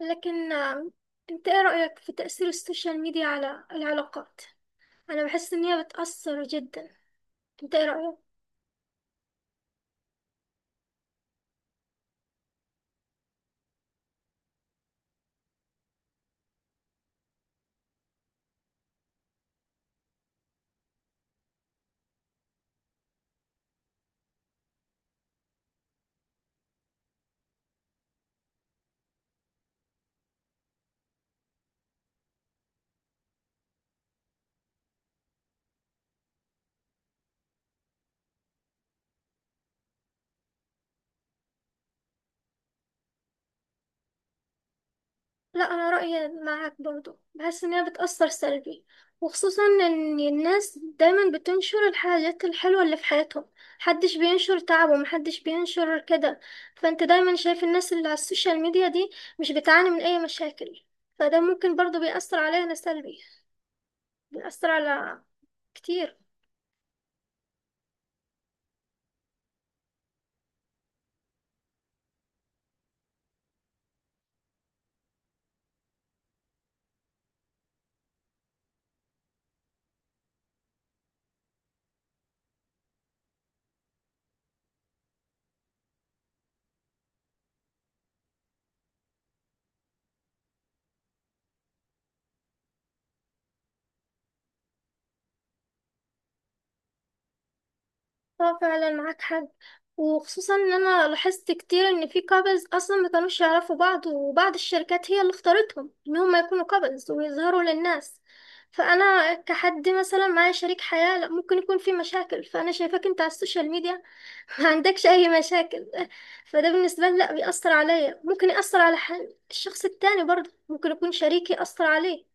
لكن انت ايه رأيك في تأثير السوشيال ميديا على العلاقات؟ انا بحس ان هي بتأثر جدا. انت ايه رأيك؟ لا انا رأيي معاك برضو، بحس ان هي بتأثر سلبي. وخصوصا ان الناس دايما بتنشر الحاجات الحلوة اللي في حياتهم، محدش بينشر تعبه، محدش بينشر كده. فانت دايما شايف الناس اللي على السوشيال ميديا دي مش بتعاني من اي مشاكل، فده ممكن برضو بيأثر علينا سلبي، بيأثر على كتير. اه فعلا معاك حق. وخصوصا ان انا لاحظت كتير ان في كابلز اصلا ما كانوش يعرفوا بعض، وبعض الشركات هي اللي اختارتهم ان هم يكونوا كابلز ويظهروا للناس. فانا كحد مثلا معايا شريك حياة لا ممكن يكون في مشاكل، فانا شايفاك انت على السوشيال ميديا ما عندكش اي مشاكل، فده بالنسبة لي لا بيأثر عليا. ممكن يأثر على الشخص التاني برضه، ممكن يكون شريكي أثر عليه.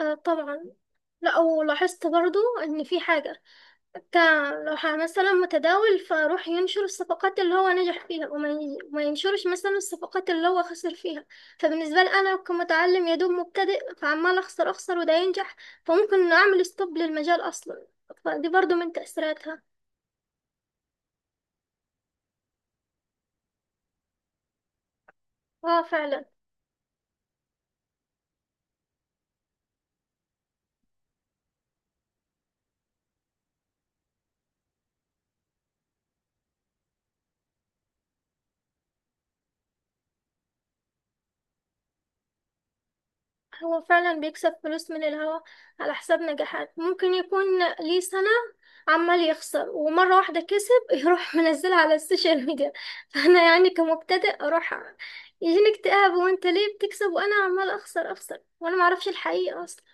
آه طبعا. لا ولاحظت برضه ان في حاجة كلو مثلا متداول، فاروح ينشر الصفقات اللي هو نجح فيها وما ينشرش مثلا الصفقات اللي هو خسر فيها. فبالنسبة لي أنا كمتعلم يا دوب مبتدئ، فعمال أخسر وده ينجح، فممكن أعمل ستوب للمجال أصلا. فدي برضو من تأثيراتها. اه فعلا. هو فعلا بيكسب فلوس من الهوا، على حساب نجاحات ممكن يكون ليه سنة عمال يخسر ومرة واحدة كسب، يروح منزلها على السوشيال ميديا. فأنا يعني كمبتدئ أروح يجيني اكتئاب، وانت ليه بتكسب وأنا عمال أخسر، وأنا معرفش الحقيقة أصلا.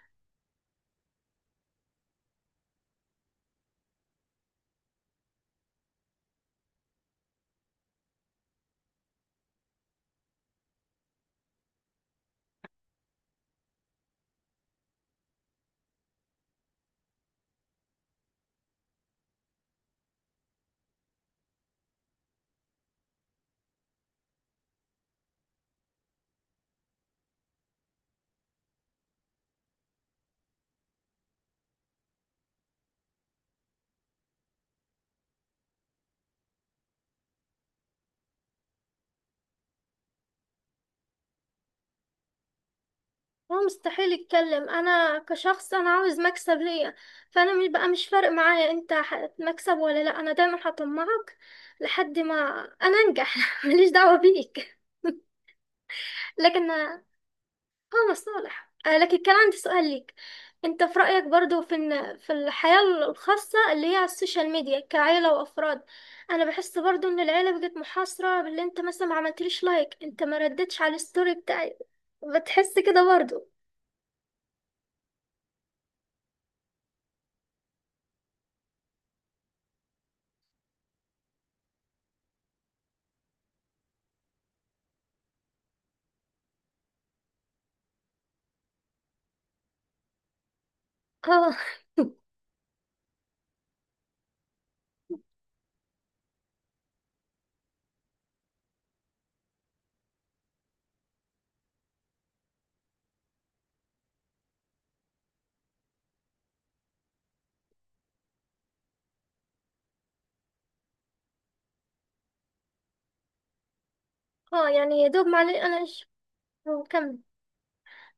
هو مستحيل يتكلم. أنا كشخص أنا عاوز مكسب ليا، فأنا بقى مش فارق معايا انت هتكسب ولا لأ، أنا دايما هطمعك لحد ما أنا أنجح ماليش دعوة بيك. لكن اه مصالح. آه، لكن كان عندي سؤال ليك. انت في رأيك برضو في ان في الحياة الخاصة اللي هي على السوشيال ميديا كعيلة وافراد، انا بحس برضو ان العيلة بقت محاصرة باللي انت مثلا ما عملتليش لايك، انت ما ردتش على الستوري بتاعي. بتحس كده برضو؟ اه. اه يعني يا دوب معلش انا مش، هو كمل.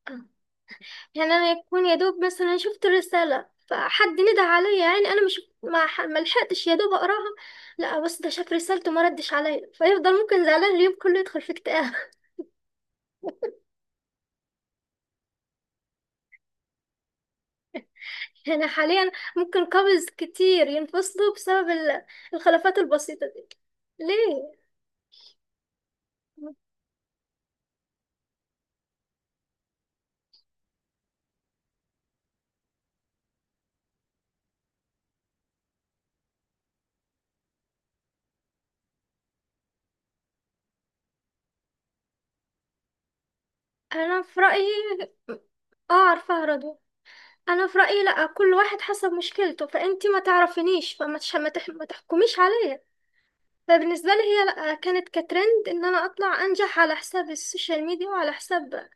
آه. يعني انا يكون يا دوب مثلا شفت الرساله فحد ندى عليا، يعني انا مش ما لحقتش يا دوب اقراها. لا بس ده شاف رسالته ما ردش عليا، فيفضل ممكن زعلان اليوم كله يدخل في اكتئاب. يعني حاليا ممكن كابلز كتير ينفصلوا بسبب الخلافات البسيطه دي. ليه؟ انا في رايي. اه عارفه هرده. انا في رايي لا، كل واحد حسب مشكلته، فانتي ما تعرفينيش فما تش- ما تح- ما تحكميش عليا. فبالنسبة لي هي لأ، كانت كترند ان انا اطلع انجح على حساب السوشيال ميديا، وعلى حساب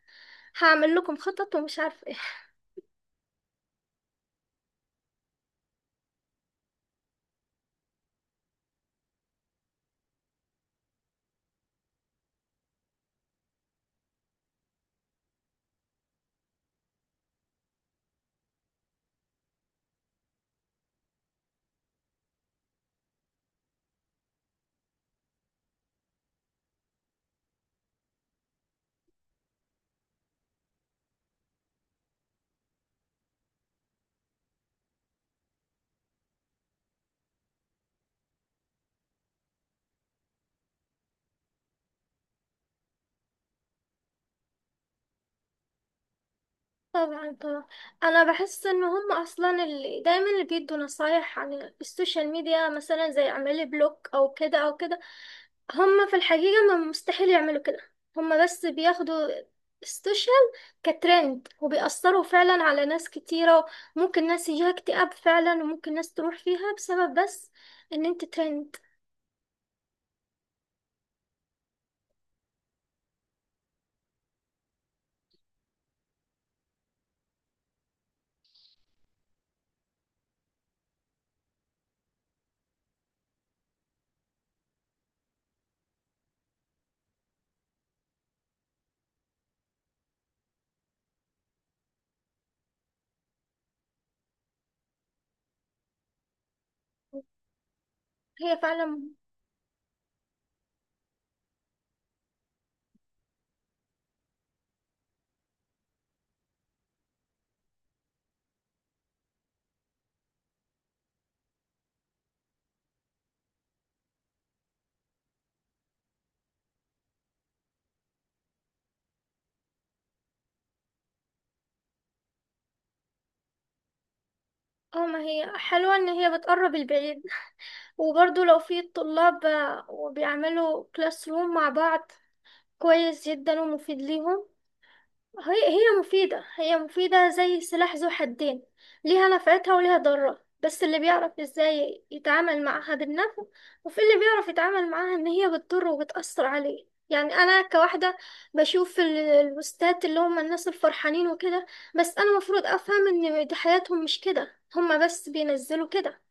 هعمل لكم خطط ومش عارف ايه. طبعا طبعا. انا بحس ان هم اصلا اللي دايما اللي بيدوا نصايح عن السوشيال ميديا مثلا زي اعملي بلوك او كده او كده، هم في الحقيقة ما مستحيل يعملوا كده. هم بس بياخدوا السوشيال كترند، وبيأثروا فعلا على ناس كتيرة. ممكن ناس يجيها اكتئاب فعلا، وممكن ناس تروح فيها بسبب بس ان انت ترند. هي فعلا. اه ما هي حلوة ان هي بتقرب البعيد. وبرضو لو في الطلاب آه، وبيعملوا كلاس روم مع بعض، كويس جدا ومفيد ليهم. هي مفيدة، هي مفيدة زي سلاح ذو حدين. ليها نفعتها وليها ضرها، بس اللي بيعرف ازاي يتعامل معاها بالنفع، وفي اللي بيعرف يتعامل معاها ان هي بتضره وبتأثر عليه. يعني انا كواحدة بشوف البوستات اللي هم الناس الفرحانين وكده، بس انا مفروض افهم ان دي حياتهم مش كده، هم بس بينزلوا كده.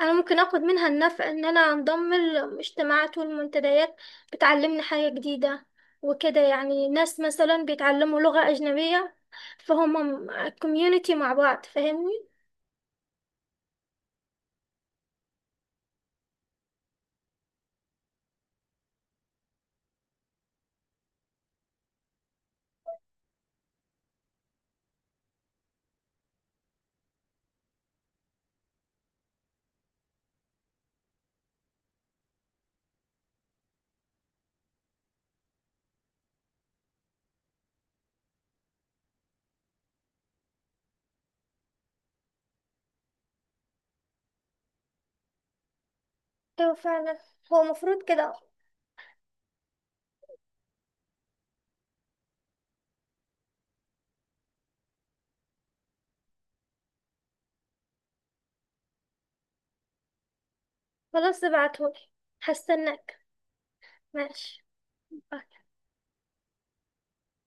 انا ممكن اخد منها النفع ان انا انضم الاجتماعات والمنتديات بتعلمني حاجة جديدة، وكده يعني ناس مثلا بيتعلموا لغة اجنبية، فهم كوميونيتي مع بعض، فاهمني؟ ايوه فعلا. هو مفروض كده. خلاص ابعتهولي، هستناك. ماشي.